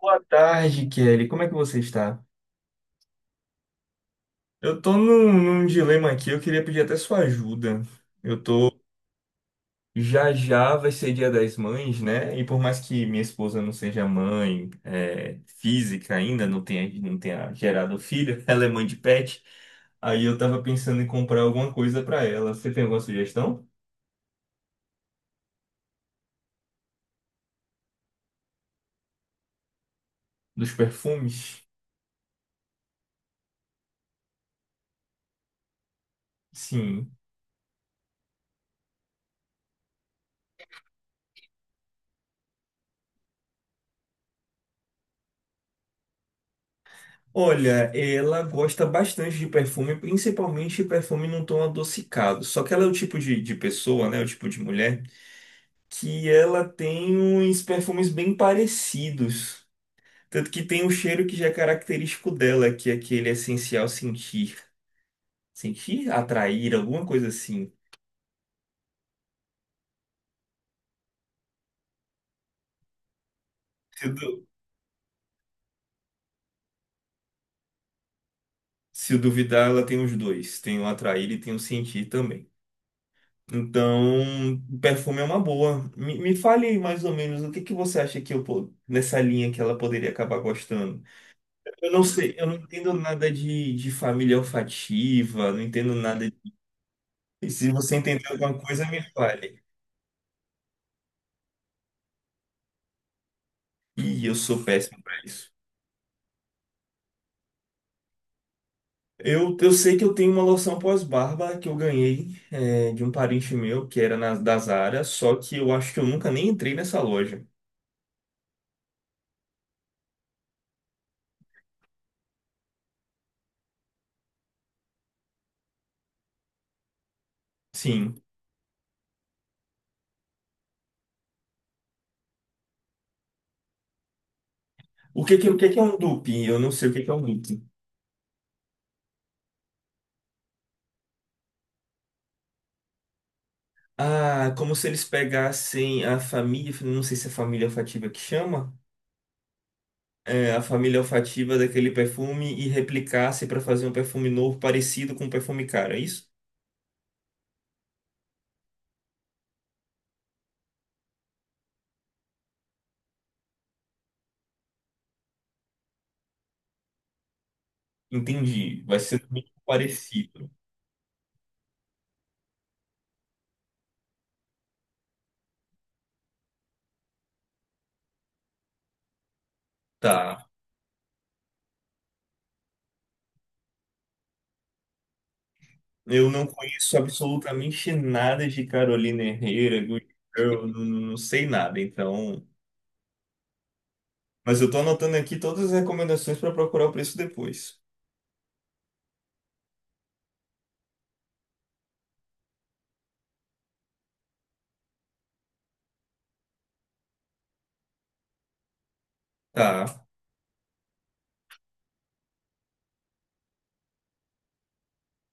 Boa tarde, Kelly. Como é que você está? Eu tô num dilema aqui, eu queria pedir até sua ajuda. Eu tô. Já já vai ser Dia das Mães, né? E por mais que minha esposa não seja mãe, física ainda, não tenha gerado filho, ela é mãe de pet. Aí eu tava pensando em comprar alguma coisa pra ela. Você tem alguma sugestão? Dos perfumes? Sim. Olha, ela gosta bastante de perfume, principalmente perfume num tom adocicado. Só que ela é o tipo de pessoa, né? O tipo de mulher que ela tem uns perfumes bem parecidos. Tanto que tem um cheiro que já é característico dela, que é aquele essencial sentir. Sentir, atrair, alguma coisa assim. Se, du- Se duvidar, ela tem os dois. Tem o atrair e tem o sentir também. Então, perfume é uma boa. Me fale aí mais ou menos o que que você acha que nessa linha que ela poderia acabar gostando. Eu não sei, eu não entendo nada de família olfativa, não entendo nada de. Se você entender alguma coisa, me fale. Ih, eu sou péssimo para isso. Eu sei que eu tenho uma loção pós-barba que eu ganhei de um parente meu, da Zara, só que eu acho que eu nunca nem entrei nessa loja. Sim. O que que é um dupe? Eu não sei o que que é um dupe. Ah, como se eles pegassem a família, não sei se é família olfativa que chama, a família olfativa daquele perfume e replicasse para fazer um perfume novo parecido com o perfume cara, é isso? Entendi, vai ser muito parecido. Tá. Eu não conheço absolutamente nada de Carolina Herrera, Good Girl, não sei nada, então. Mas eu tô anotando aqui todas as recomendações para procurar o preço depois. Tá.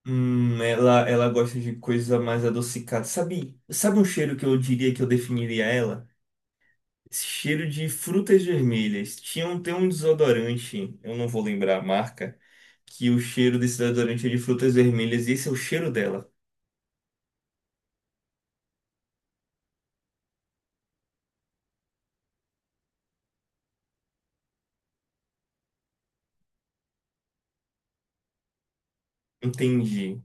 Ela gosta de coisa mais adocicada. Sabe um cheiro que eu diria que eu definiria ela? Esse cheiro de frutas vermelhas. Tem um desodorante, eu não vou lembrar a marca, que o cheiro desse desodorante é de frutas vermelhas e esse é o cheiro dela. Entendi.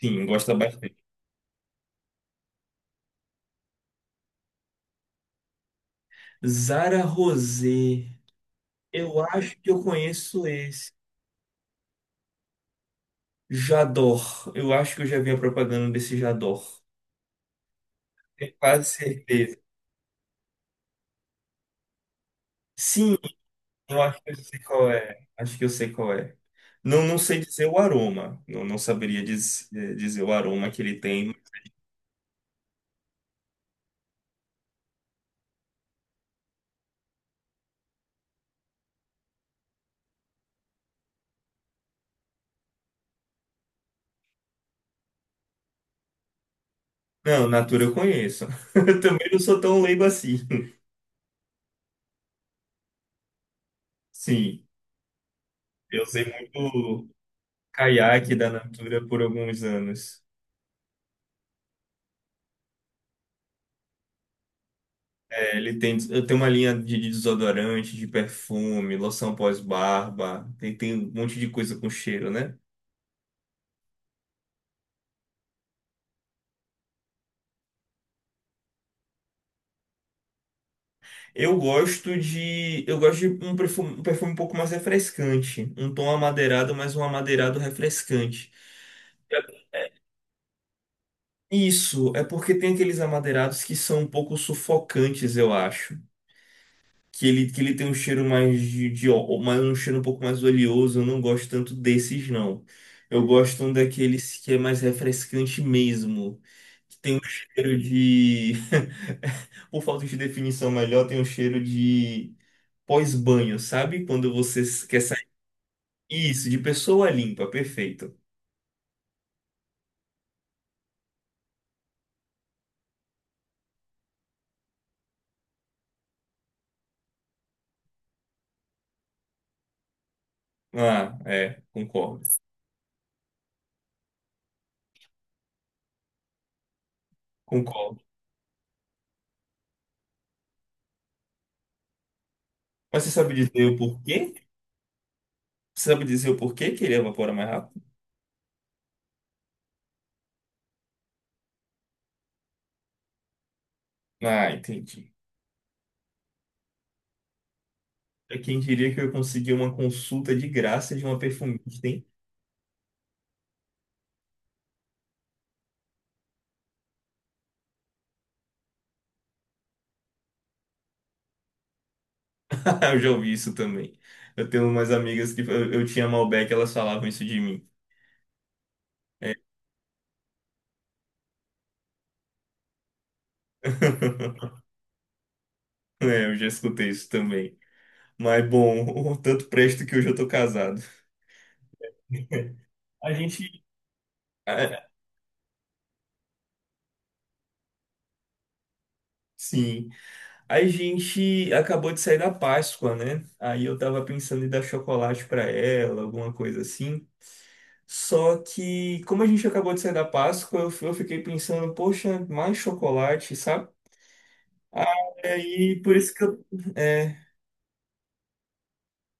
Sim, gosta bastante. Zara Rosé. Eu acho que eu conheço esse. Jador. Eu acho que eu já vi a propaganda desse Jador. Tenho quase certeza. Sim, eu acho que eu sei qual é. Acho que eu sei qual é. Não, não sei dizer o aroma. Não, dizer o aroma que ele tem. Não, Natura eu conheço. Eu também não sou tão leigo assim. Sim, eu usei muito caiaque da Natura por alguns anos. É, ele tem, eu tenho uma linha de desodorante, de perfume, loção pós-barba. Tem um monte de coisa com cheiro, né? Eu gosto de um perfume, um perfume um pouco mais refrescante. Um tom amadeirado, mas um amadeirado refrescante. É. Isso, é porque tem aqueles amadeirados que são um pouco sufocantes, eu acho. Que ele tem um cheiro mais de um cheiro um pouco mais oleoso, eu não gosto tanto desses, não. Eu gosto um daqueles que é mais refrescante mesmo, que tem um cheiro de por falta de definição melhor, tem um cheiro de pós-banho, sabe? Quando você quer sair. Isso, de pessoa limpa, perfeito. Ah, é, concordo. Concordo. Mas você sabe dizer o porquê? Você sabe dizer o porquê que ele evapora mais rápido? Ah, entendi. É quem diria que eu consegui uma consulta de graça de uma perfumista, hein? Eu já ouvi isso também. Eu tenho umas amigas que eu tinha Malbec, elas falavam isso de mim. É, eu já escutei isso também. Mas bom, tanto presto que hoje eu tô casado. A gente. Ah, sim. A gente acabou de sair da Páscoa, né? Aí eu tava pensando em dar chocolate pra ela, alguma coisa assim. Só que, como a gente acabou de sair da Páscoa, eu fiquei pensando, poxa, mais chocolate, sabe? Aí, por isso que eu, é,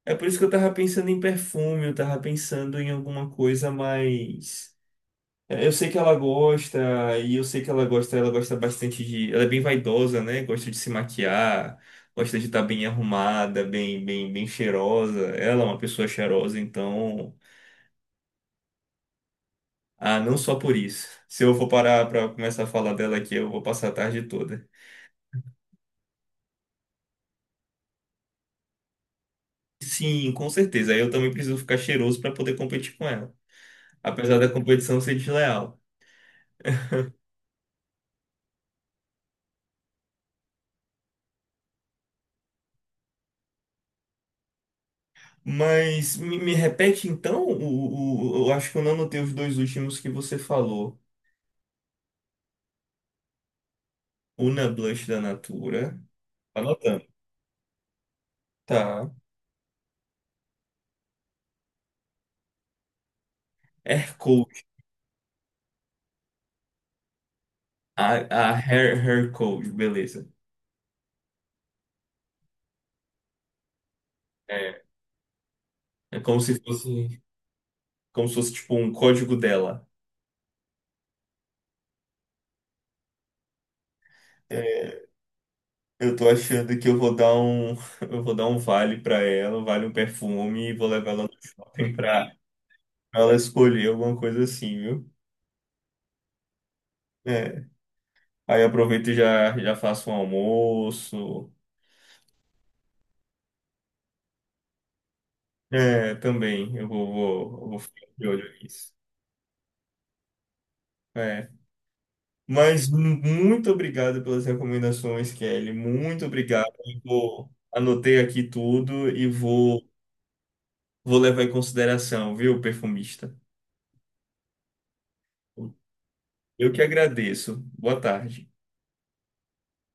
é por isso que eu tava pensando em perfume, eu tava pensando em alguma coisa mais. É, eu sei que ela gosta, e eu sei que ela gosta bastante de. Ela é bem vaidosa, né? Gosta de se maquiar, gosta de estar bem arrumada, bem cheirosa. Ela é uma pessoa cheirosa, então. Ah, não só por isso. Se eu for parar pra começar a falar dela aqui, eu vou passar a tarde toda. Sim, com certeza. Eu também preciso ficar cheiroso para poder competir com ela, apesar da competição ser desleal. Mas me repete então, eu acho que eu não anotei os dois últimos que você falou. Una Blush da Natura. Anotando. Tá. Hair Code. A Hair Code, beleza. É. É como se fosse tipo um código dela. É, eu tô achando que eu vou dar um, eu vou dar um vale pra ela, um vale um perfume e vou levar ela no shopping pra ela escolher alguma coisa assim, viu? É. Aí aproveito e já faço um almoço. É, também. Eu vou ficar de olho nisso. É. Mas muito obrigado pelas recomendações, Kelly. Muito obrigado. Anotei aqui tudo e vou levar em consideração, viu, perfumista? Eu que agradeço. Boa tarde.